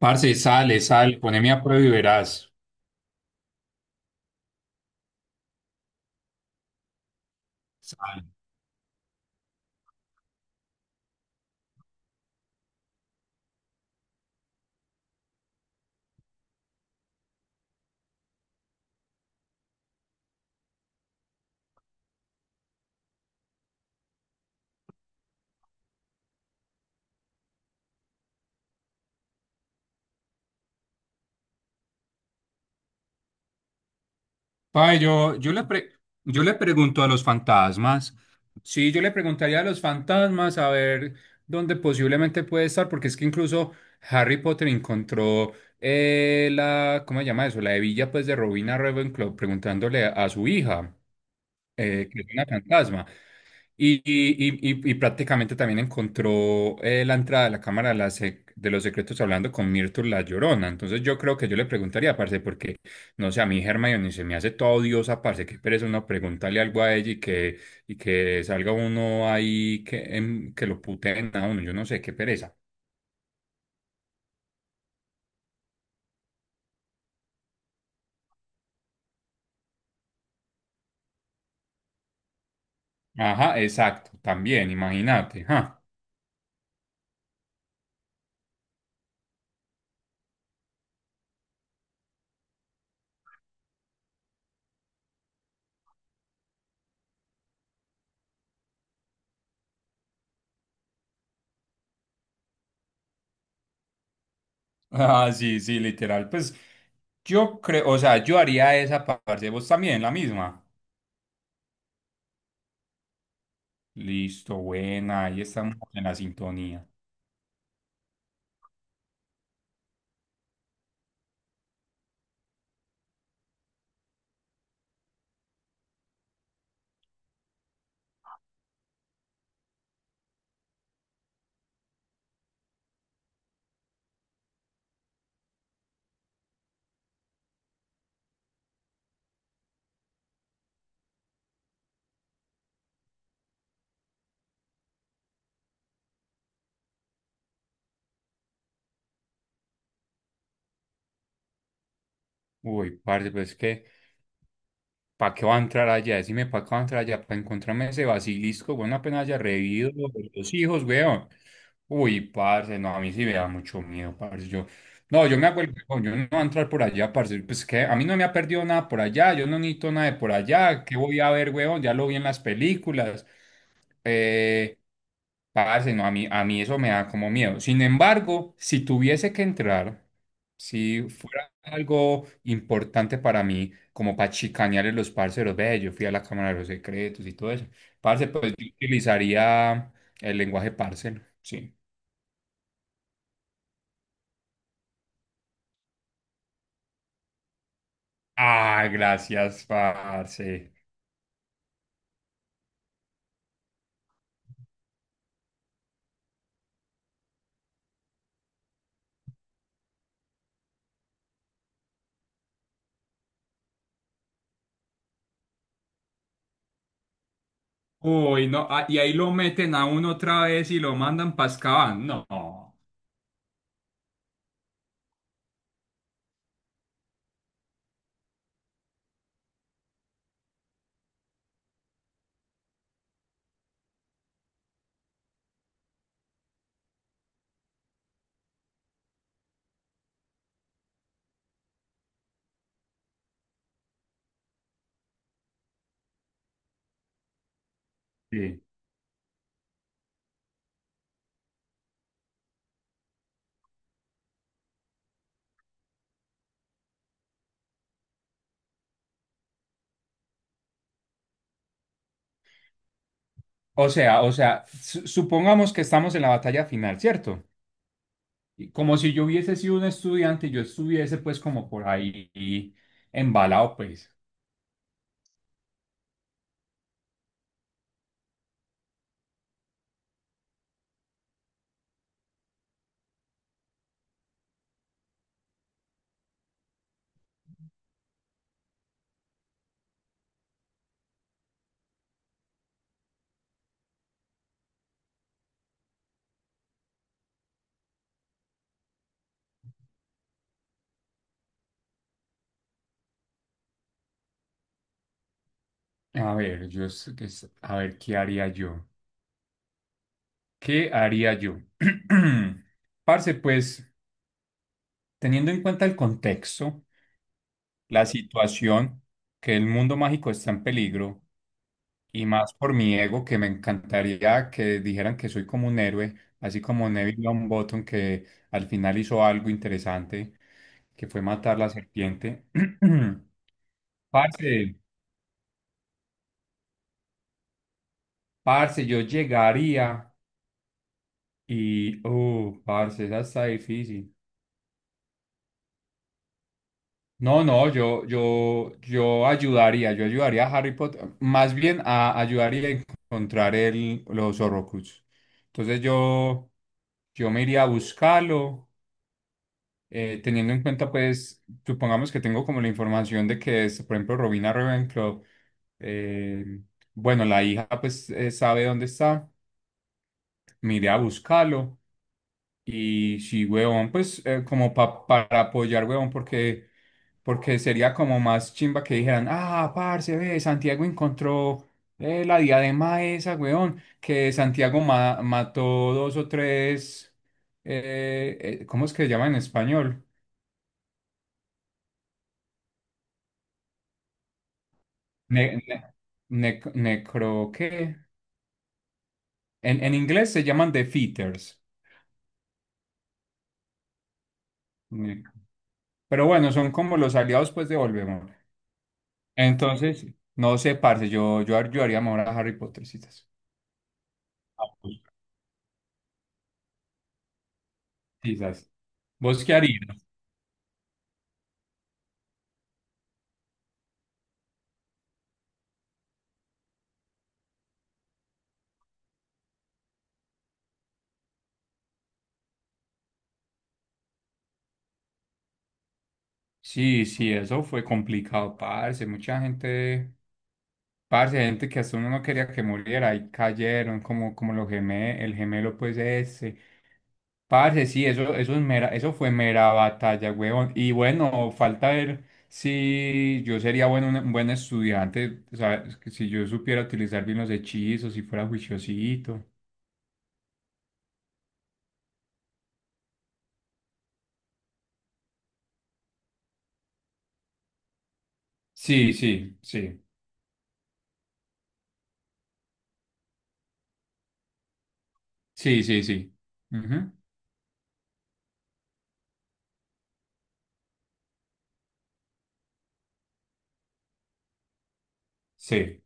Parce, sale, sale, poneme a prueba y verás. Pa, yo le pre- yo le pregunto a los fantasmas. Sí, yo le preguntaría a los fantasmas a ver dónde posiblemente puede estar, porque es que incluso Harry Potter encontró la, ¿cómo se llama eso? La hebilla pues de Robina Ravenclaw preguntándole a su hija, que es una fantasma. Y, y prácticamente también encontró la entrada de la Cámara de, la Sec- de los Secretos hablando con Myrtle la Llorona. Entonces yo creo que yo le preguntaría, parce, porque no sé, a mí Hermione se me hace toda odiosa, parce, qué pereza uno preguntarle algo a ella y que salga uno ahí que, que lo puteen a uno. Yo no sé, qué pereza. Ajá, exacto, también, imagínate. Ajá. Ah, sí, sí, literal. Pues yo creo, o sea, yo haría esa parte, vos también, la misma. Listo, buena, ahí estamos en la sintonía. Uy, parce, pues que ¿para qué va a entrar allá? Decime, ¿para qué va a entrar allá? Para encontrarme ese basilisco, weón, apenas haya revivido los hijos, weón. Uy, parce, no, a mí sí me da mucho miedo, parce. Yo, no, yo me hago el weón, yo no voy a entrar por allá, parce. Pues que a mí no me ha perdido nada por allá, yo no necesito nada de por allá. ¿Qué voy a ver, weón? Ya lo vi en las películas. Eh, Parce, no, a mí eso me da como miedo. Sin embargo, si tuviese que entrar, si fuera algo importante para mí como para chicanearle a los parceros, ve, yo fui a la Cámara de los Secretos y todo eso. Parce, pues yo utilizaría el lenguaje parcero, sí. Ah, gracias, parce. Uy, no, ah, y ahí lo meten a uno otra vez y lo mandan para Azkaban. No. Sí. O sea, su- supongamos que estamos en la batalla final, ¿cierto? Y como si yo hubiese sido un estudiante yo estuviese pues como por ahí embalado, pues. A ver, yo, es- que es- a ver, ¿qué haría yo? ¿Qué haría yo? Parce, pues teniendo en cuenta el contexto, la situación, que el mundo mágico está en peligro, y más por mi ego, que me encantaría que dijeran que soy como un héroe, así como Neville Longbottom, que al final hizo algo interesante, que fue matar la serpiente. Parce, parce, yo llegaría y, oh, parce, esa está difícil. No, no, yo ayudaría a Harry Potter, más bien a ayudaría a encontrar el, los Horrocrux. Entonces yo me iría a buscarlo, teniendo en cuenta, pues, supongamos que tengo como la información de que es, por ejemplo, Robina Ravenclaw, eh, bueno, la hija pues sabe dónde está, me iría a buscarlo. Y sí, huevón, pues como pa- para apoyar, huevón, porque, porque sería como más chimba que dijeran, ah, parce, ve, Santiago encontró la diadema esa, huevón, que Santiago ma- mató dos o tres, ¿cómo es que se llama en español? Ne- ne- nec- necro, ¿qué? En inglés se llaman defeaters, ne- pero bueno, son como los aliados, pues, de Voldemort. Entonces, no sé, parce, yo haría mejor a Harry Pottercitas. Quizás. ¿Vos qué harías? Sí, sí, eso fue complicado, parce. Mucha gente, parce, gente que hasta uno no quería que muriera y cayeron como, como los gemé, el gemelo, pues ese. Parce, sí, eso es mera, eso fue mera batalla, huevón. Y bueno, falta ver si yo sería bueno, un buen estudiante, o sea, es que si yo supiera utilizar bien los hechizos, si fuera juiciosito. Sí, sí, sí. Sí, sí, sí. Ujú. Sí.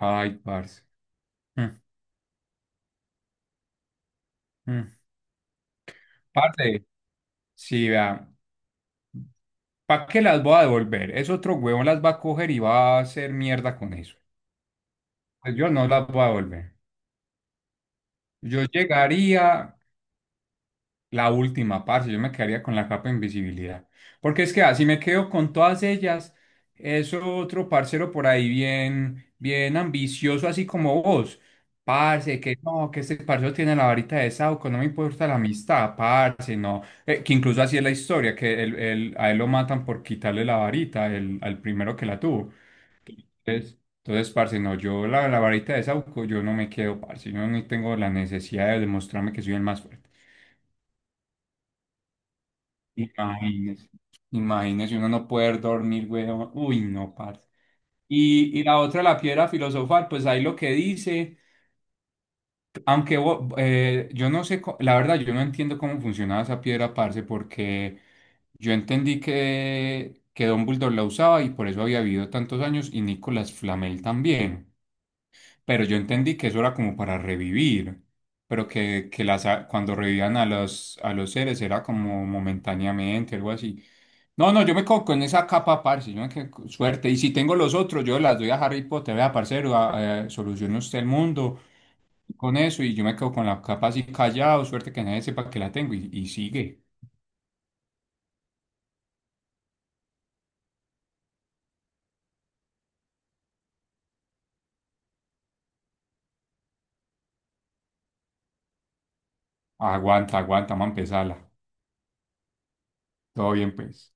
Ay, parce. Mm, mm. Parce, sí, vea, ¿para qué las voy a devolver? Es otro huevón las va a coger y va a hacer mierda con eso. Pues yo no las voy a devolver. Yo llegaría, la última, parce, yo me quedaría con la capa de invisibilidad. Porque es que así me quedo con todas ellas, eso otro parcero por ahí bien, bien ambicioso, así como vos. Parce, que no, que este parcero tiene la varita de Sauco, no me importa la amistad, parce, no. Que incluso así es la historia, que él- a él lo matan por quitarle la varita el- al primero que la tuvo. Entonces, entonces, parce, no, yo la, la varita de Sauco, yo no me quedo, parce, yo no tengo la necesidad de demostrarme que soy el más fuerte. Imagínese, imagínese uno no poder dormir, güey. Uy, no, parce. Y la otra, la piedra filosofal, pues ahí lo que dice, aunque bo- yo no sé, co- la verdad, yo no entiendo cómo funcionaba esa piedra, parce, porque yo entendí que Dumbledore la usaba y por eso había vivido tantos años y Nicolas Flamel también. Pero yo entendí que eso era como para revivir, pero que las, a- cuando revivían a los seres era como momentáneamente, algo así. No, no, yo me quedo con esa capa, parce, yo me quedo con suerte. Y si tengo los otros, yo las doy a Harry Potter, vea, parcero, a- solucione usted el mundo con eso. Y yo me quedo con la capa así callado, suerte que nadie sepa que la tengo. Y sigue, aguanta, aguanta, vamos a empezarla. Todo bien, pues.